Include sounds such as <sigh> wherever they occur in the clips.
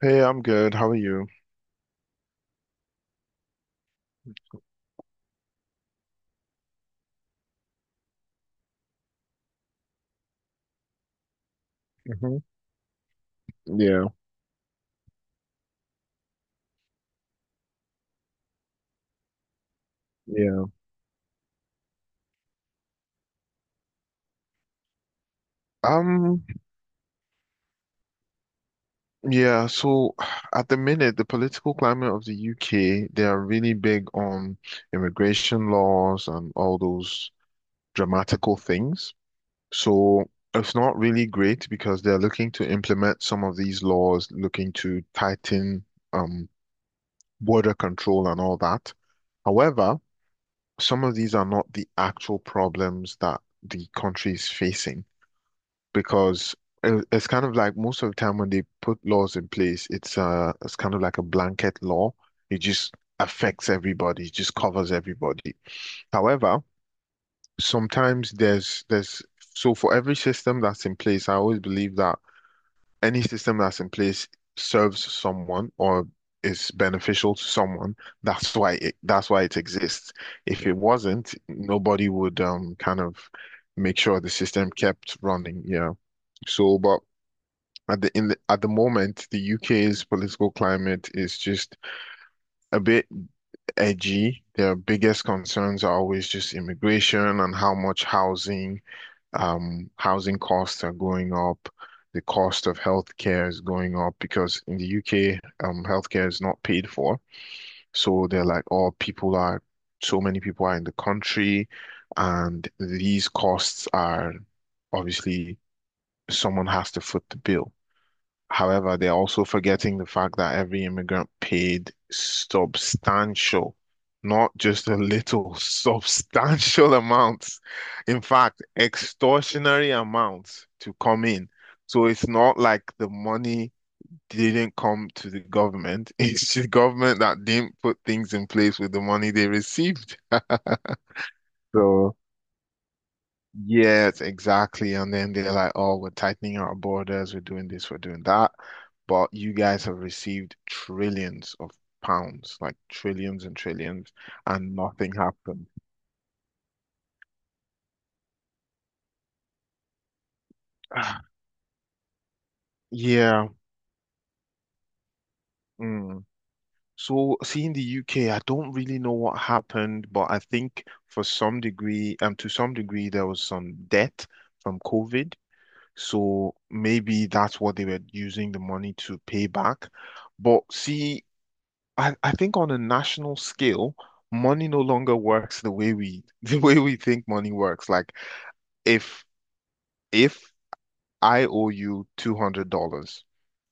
Hey, I'm good. How are you? hmm Yeah, yeah. Um, yeah, so <sighs> at the minute, the political climate of the UK, they are really big on immigration laws and all those dramatical things. So it's not really great because they're looking to implement some of these laws, looking to tighten um border control and all that. However, some of these are not the actual problems that the country is facing, because it's kind of like most of the time when they put laws in place, it's kind of like a blanket law. It just affects everybody, it just covers everybody. However, sometimes there's so for every system that's in place, I always believe that any system that's in place serves someone or is beneficial to someone. That's why it exists. If it wasn't, nobody would kind of make sure the system kept running, yeah. So, but at the moment, the UK's political climate is just a bit edgy. Their biggest concerns are always just immigration and how much housing, housing costs are going up. The cost of healthcare is going up because in the UK, healthcare is not paid for. So they're like, oh, so many people are in the country, and these costs are obviously someone has to foot the bill. However, they're also forgetting the fact that every immigrant paid substantial, not just a little, <laughs> substantial amounts. In fact, extortionary amounts to come in. So it's not like the money didn't come to the government. <laughs> It's the government that didn't put things in place with the money they received. <laughs> So yes, exactly. And then they're like, oh, we're tightening our borders, we're doing this, we're doing that. But you guys have received trillions of pounds, like trillions and trillions, and nothing happened. <sighs> Ah, Yeah. mm. So see, in the UK, I don't really know what happened, but I think to some degree, there was some debt from COVID. So maybe that's what they were using the money to pay back. But see, I think on a national scale, money no longer works the way we <laughs> the way we think money works. Like if if I owe you $200,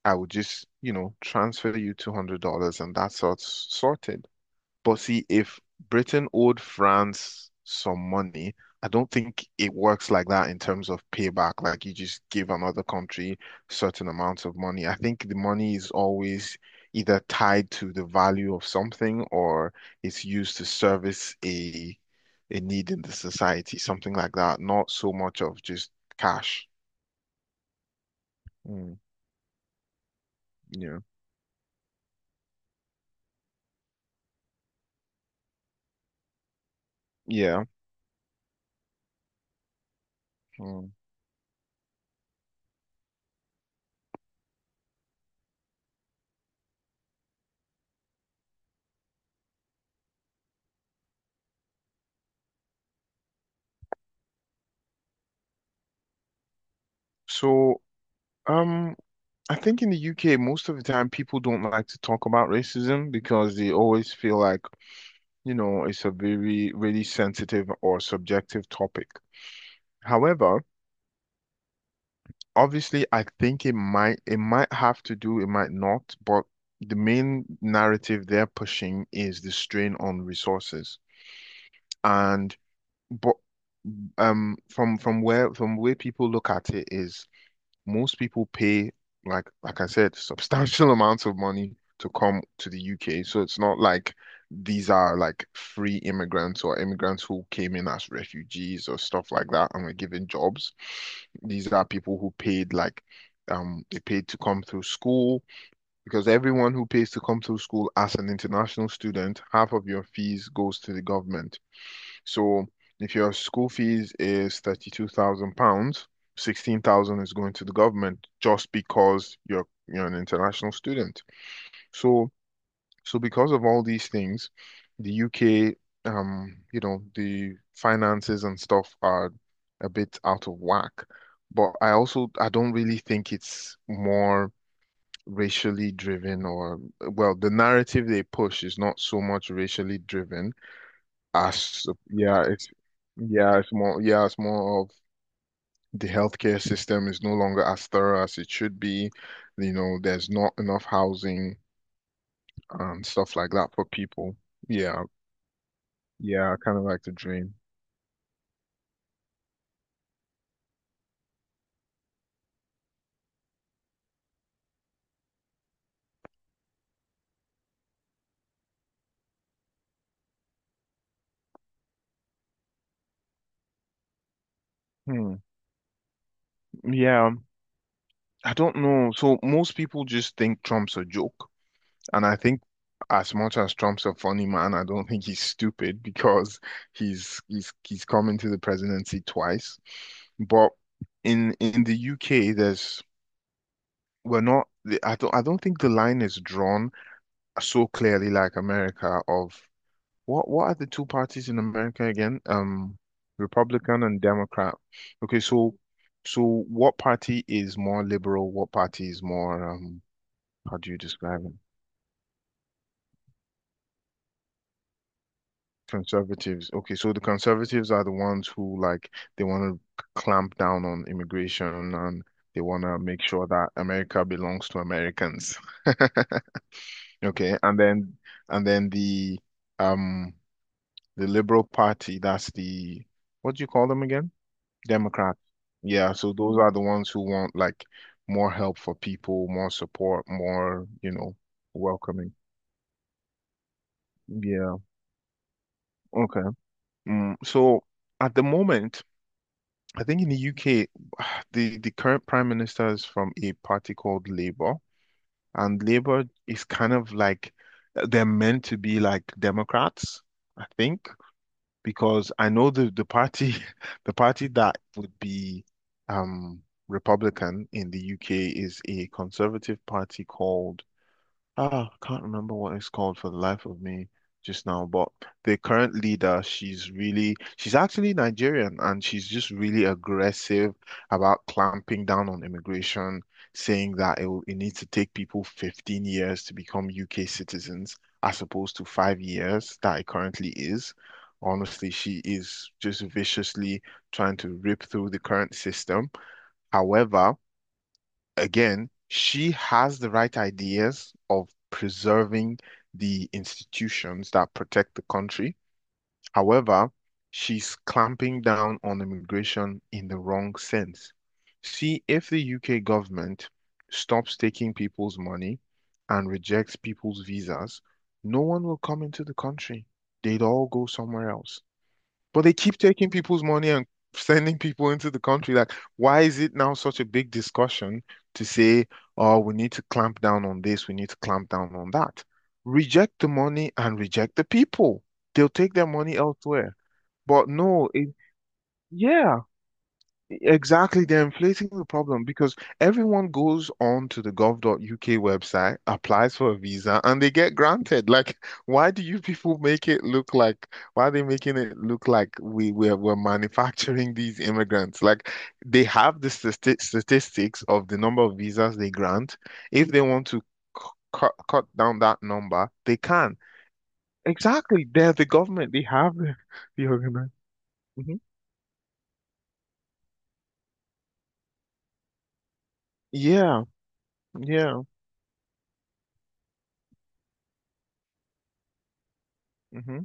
I would just, you know, transfer you $200 and that's sorted. But see, if Britain owed France some money, I don't think it works like that in terms of payback. Like you just give another country certain amounts of money. I think the money is always either tied to the value of something or it's used to service a need in the society, something like that. Not so much of just cash. Mm, yeah. Yeah. Mm. So, um, I think in the UK, most of the time people don't like to talk about racism because they always feel like, you know, it's a very, really sensitive or subjective topic. However, obviously, I think it might have to do, it might not, but the main narrative they're pushing is the strain on resources. And but from where people look at it is most people pay like I said, substantial <laughs> amounts of money to come to the UK. So it's not like these are like free immigrants or immigrants who came in as refugees or stuff like that and were given jobs. These are people who paid they paid to come through school because everyone who pays to come through school as an international student, half of your fees goes to the government. So if your school fees is 32,000 pounds, 16,000 is going to the government just because you're an international student. So so because of all these things, the UK you know the finances and stuff are a bit out of whack. But I don't really think it's more racially driven or well the narrative they push is not so much racially driven. I, sup- yeah, it's more of the healthcare system is no longer as thorough as it should be. You know, there's not enough housing and stuff like that for people. Yeah, yeah, kind of like the dream. Hmm. Yeah, I don't know. So most people just think Trump's a joke, and I think as much as Trump's a funny man, I don't think he's stupid <laughs> because he's come into the presidency twice. But in the UK, there's we're not the- I don't think the line is drawn so clearly like America of what are the two parties in America again? Republican and Democrat. Okay, so so what party is more liberal? What party is more how do you describe it? Conservatives. Okay, so the conservatives are the ones who like they want to clamp down on immigration and they want to make sure that America belongs to Americans. <laughs> Okay, and then um the Liberal Party, that's the, what do you call them again? Democrats. Yeah, so those are the ones who want like more help for people, more support, more, you know, welcoming. Yeah. Okay. Mm, so at the moment, I think in the UK, <sighs> the current prime minister is from a party called Labour, and Labour is kind of like they're meant to be like Democrats, I think, because I know the party <laughs> the party that would be um Republican in the UK is a conservative party called. Ah, can't remember what it's called for the life of me just now, but the current leader, she's actually Nigerian and she's just really aggressive about clamping down on immigration, saying that it needs to take people 15 years to become UK citizens as opposed to 5 years that it currently is. Honestly, she is just viciously trying to rip through the current system. However, again, she has the right ideas of preserving the institutions that protect the country. However, she's clamping down on immigration in the wrong sense. See, if the UK government stops taking people's money and rejects people's visas, no one will come into the country. They'd all go somewhere else. But they keep taking people's money and sending people into the country. Like, why is it now such a big discussion to say, oh, we need to clamp down on this, we need to clamp down on that? Reject the money and reject the people. They'll take their money elsewhere. But no, it, yeah. Exactly, they're inflating the problem because everyone goes on to the gov.uk website, applies for a visa, and they get granted. Like, why do you people make it look like, why are they making it look like we're manufacturing these immigrants? Like, they have the statistics of the number of visas they grant. If they want to c- cut down that number, they can. Exactly, they're the government, they have the organization. Yeah, yeah. Mm-hmm.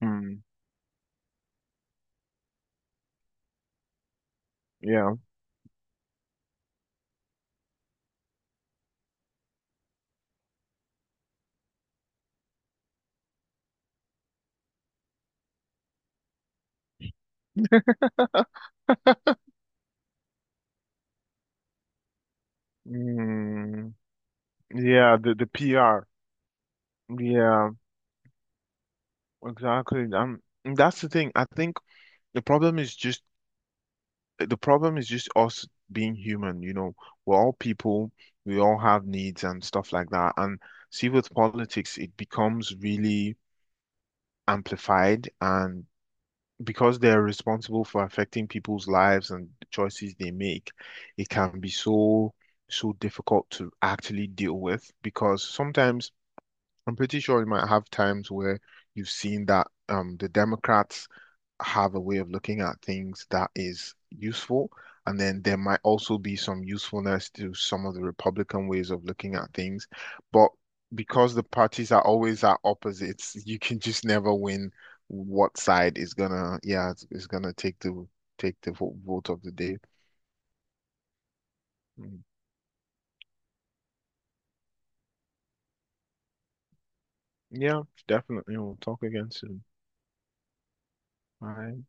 Hmm. Yeah. Mm, yeah, the PR. Yeah, exactly. That's the thing. I think the problem is just the problem is just us being human, you know. We're all people, we all have needs and stuff like that. And see with politics, it becomes really amplified and because they're responsible for affecting people's lives and the choices they make, it can be so difficult to actually deal with because sometimes I'm pretty sure you might have times where you've seen that the Democrats have a way of looking at things that is useful, and then there might also be some usefulness to some of the Republican ways of looking at things. But because the parties are always at opposites, <laughs> you can just never win what side is gonna, yeah, it's gonna take the vote of the day. Mm. Yeah, definitely. We'll talk again soon. Bye.